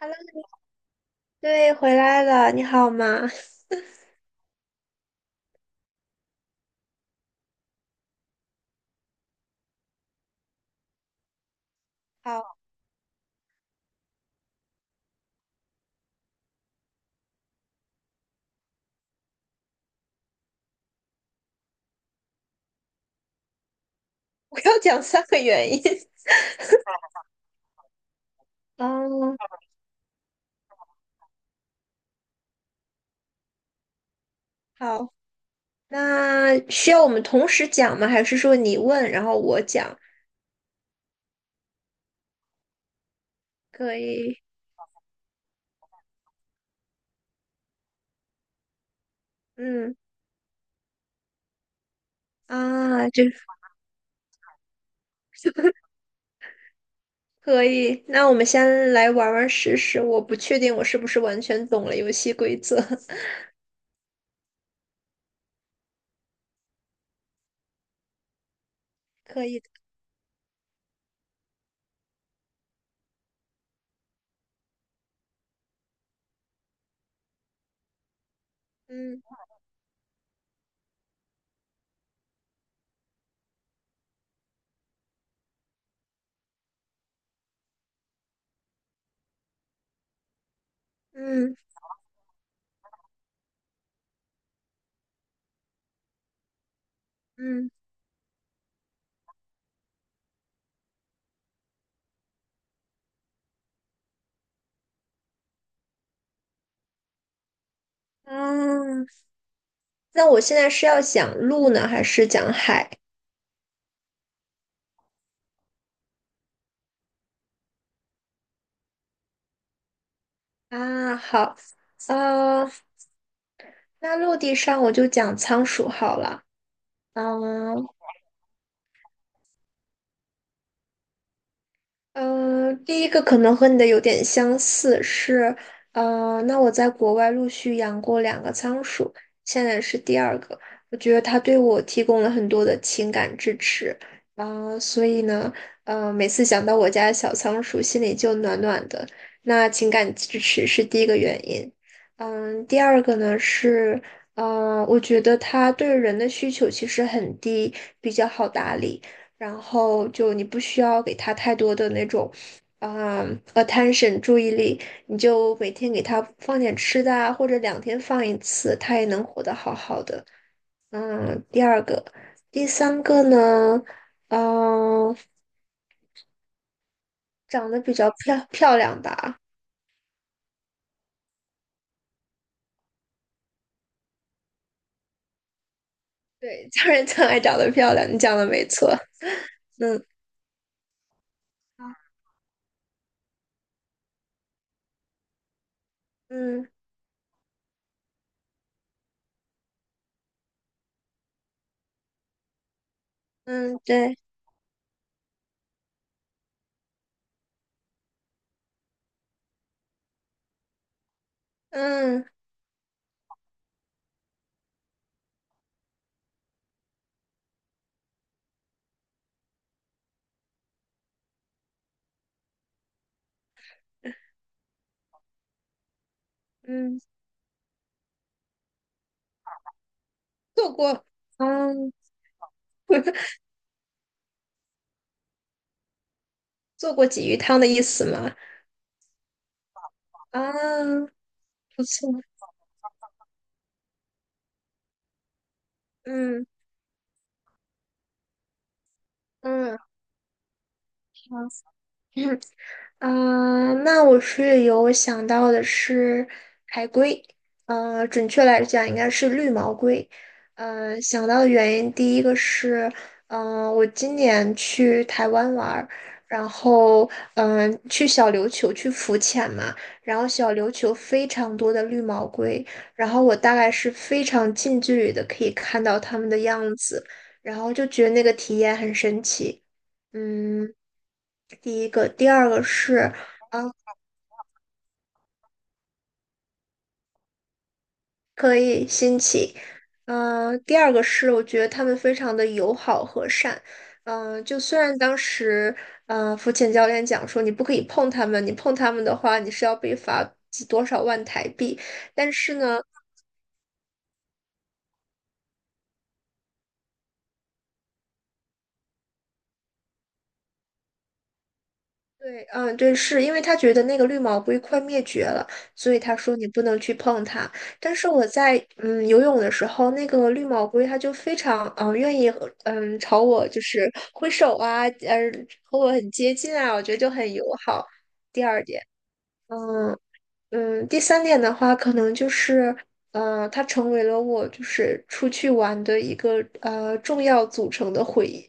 Hello，对，回来了，你好吗？好，我要讲三个原因。嗯，好，那需要我们同时讲吗？还是说你问，然后我讲？可以。嗯。啊，这可以。那我们先来玩玩试试。我不确定我是不是完全懂了游戏规则。可以的。嗯嗯嗯。啊，那我现在是要讲陆呢，还是讲海？啊，好。啊，那陆地上我就讲仓鼠好了。嗯。嗯，第一个可能和你的有点相似，是，那我在国外陆续养过两个仓鼠，现在是第二个，我觉得它对我提供了很多的情感支持。嗯、所以呢，每次想到我家小仓鼠，心里就暖暖的。那情感支持是第一个原因。嗯，第二个呢是，我觉得它对人的需求其实很低，比较好打理。然后就你不需要给他太多的那种attention 注意力，你就每天给他放点吃的啊，或者2天放一次，他也能活得好好的。嗯，第二个，第三个呢，嗯、长得比较漂亮吧。对，家人更爱长得漂亮，你讲的没错。嗯嗯嗯。对。嗯嗯。做过。嗯。做过鲫鱼汤的意思吗？啊，不错。嗯嗯。好。嗯，那我是有想到的是海龟，准确来讲应该是绿毛龟。想到的原因，第一个是，嗯、我今年去台湾玩儿，然后，嗯、去小琉球去浮潜嘛，然后小琉球非常多的绿毛龟，然后我大概是非常近距离的可以看到它们的样子，然后就觉得那个体验很神奇。嗯。第一个，第二个是，啊，可以新奇。嗯、第二个是，我觉得他们非常的友好和善。嗯、就虽然当时，嗯、福浅教练讲说你不可以碰他们，你碰他们的话，你是要被罚多少万台币。但是呢，对。嗯，对。是因为他觉得那个绿毛龟快灭绝了，所以他说你不能去碰它。但是我在游泳的时候，那个绿毛龟它就非常愿意和朝我就是挥手啊，和我很接近啊，我觉得就很友好。第二点。嗯。嗯，第三点的话，可能就是，它成为了我就是出去玩的一个重要组成的回忆，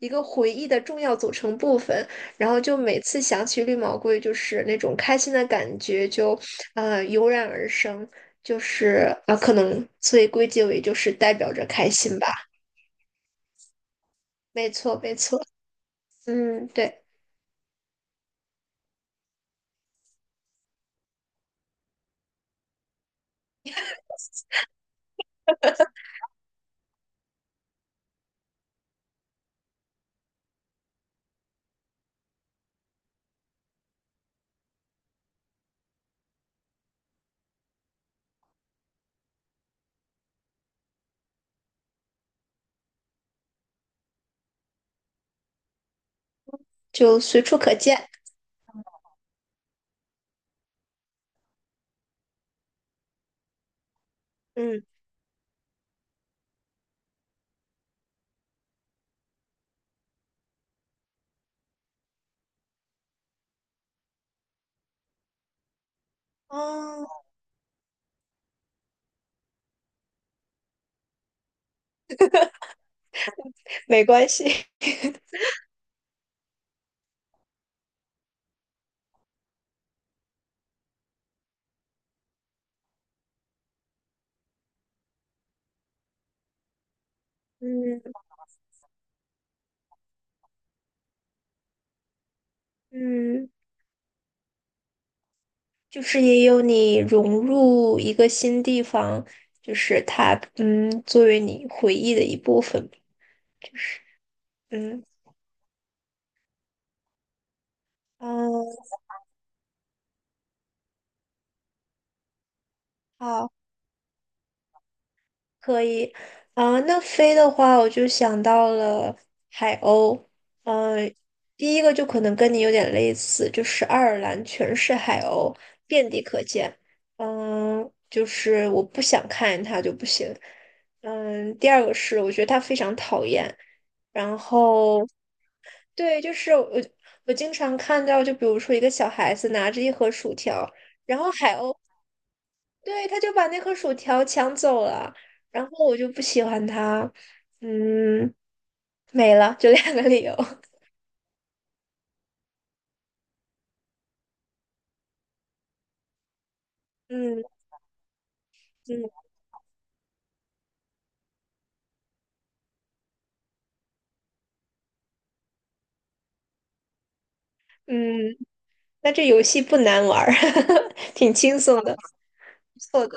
一个回忆的重要组成部分。然后就每次想起绿毛龟，就是那种开心的感觉就油然而生，就是可能所以归结为就是代表着开心吧。没错，没错。嗯，对。就随处可见。嗯。哦，没关系。嗯嗯。就是也有你融入一个新地方，就是它，作为你回忆的一部分就是。嗯嗯。好。可以。啊、那飞的话，我就想到了海鸥。嗯、第一个就可能跟你有点类似，就是爱尔兰全是海鸥，遍地可见。嗯、就是我不想看见它就不行。嗯，第二个是我觉得它非常讨厌。然后对，就是我经常看到，就比如说一个小孩子拿着一盒薯条，然后海 鸥，对，他就把那盒薯条抢走了，然后我就不喜欢他。嗯，没了，就两个理由。嗯嗯嗯。那这游戏不难玩儿。挺轻松的。不错的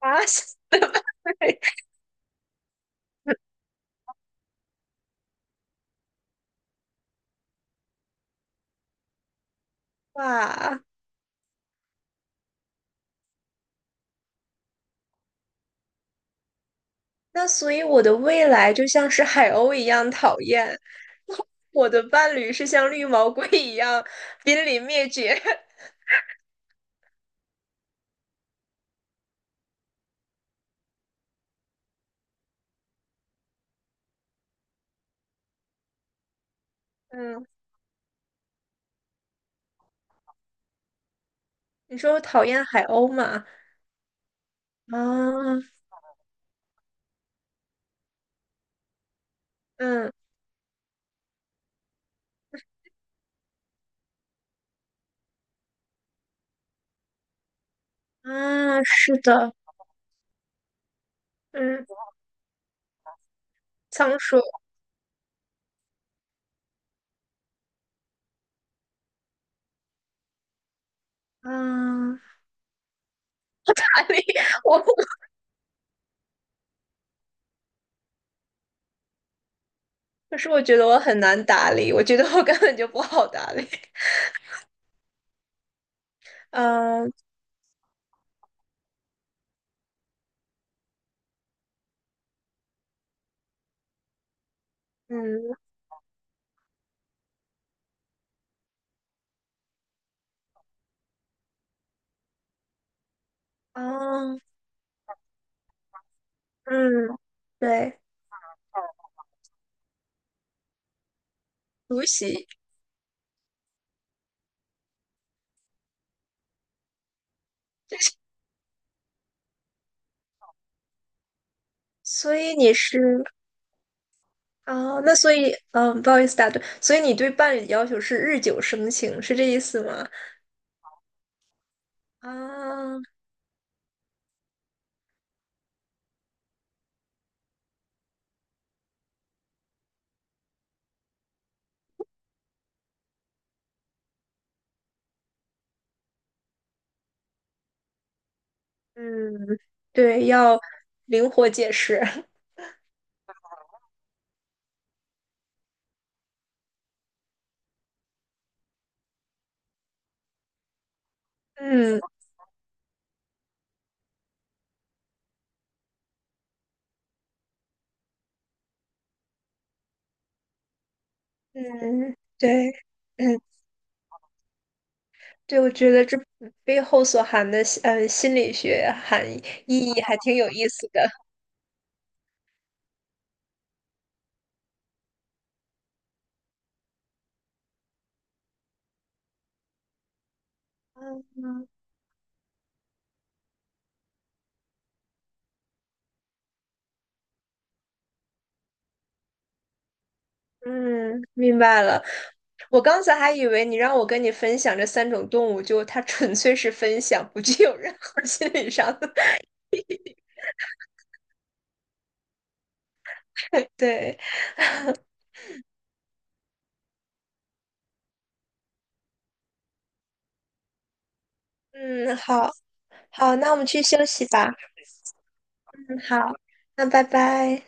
啊。哇。那所以我的未来就像是海鸥一样讨厌，我的伴侣是像绿毛龟一样濒临灭绝。嗯。你说我讨厌海鸥嘛？啊，嗯。啊，是的。嗯。仓鼠。嗯。我可是我觉得我很难打理，我觉得我根本就不好打理 嗯嗯啊嗯。对。独席。所以你是啊，那所以不好意思打断，所以你对伴侣的要求是日久生情，是这意思吗？啊。嗯，对。要灵活解释。嗯。嗯，对。嗯，对，我觉得这背后所含的心理学含意义还挺有意思的。嗯嗯。明白了。我刚才还以为你让我跟你分享这三种动物，就它纯粹是分享，不具有任何心理上的。对。嗯。好。好，那我们去休息吧。嗯，好。那拜拜。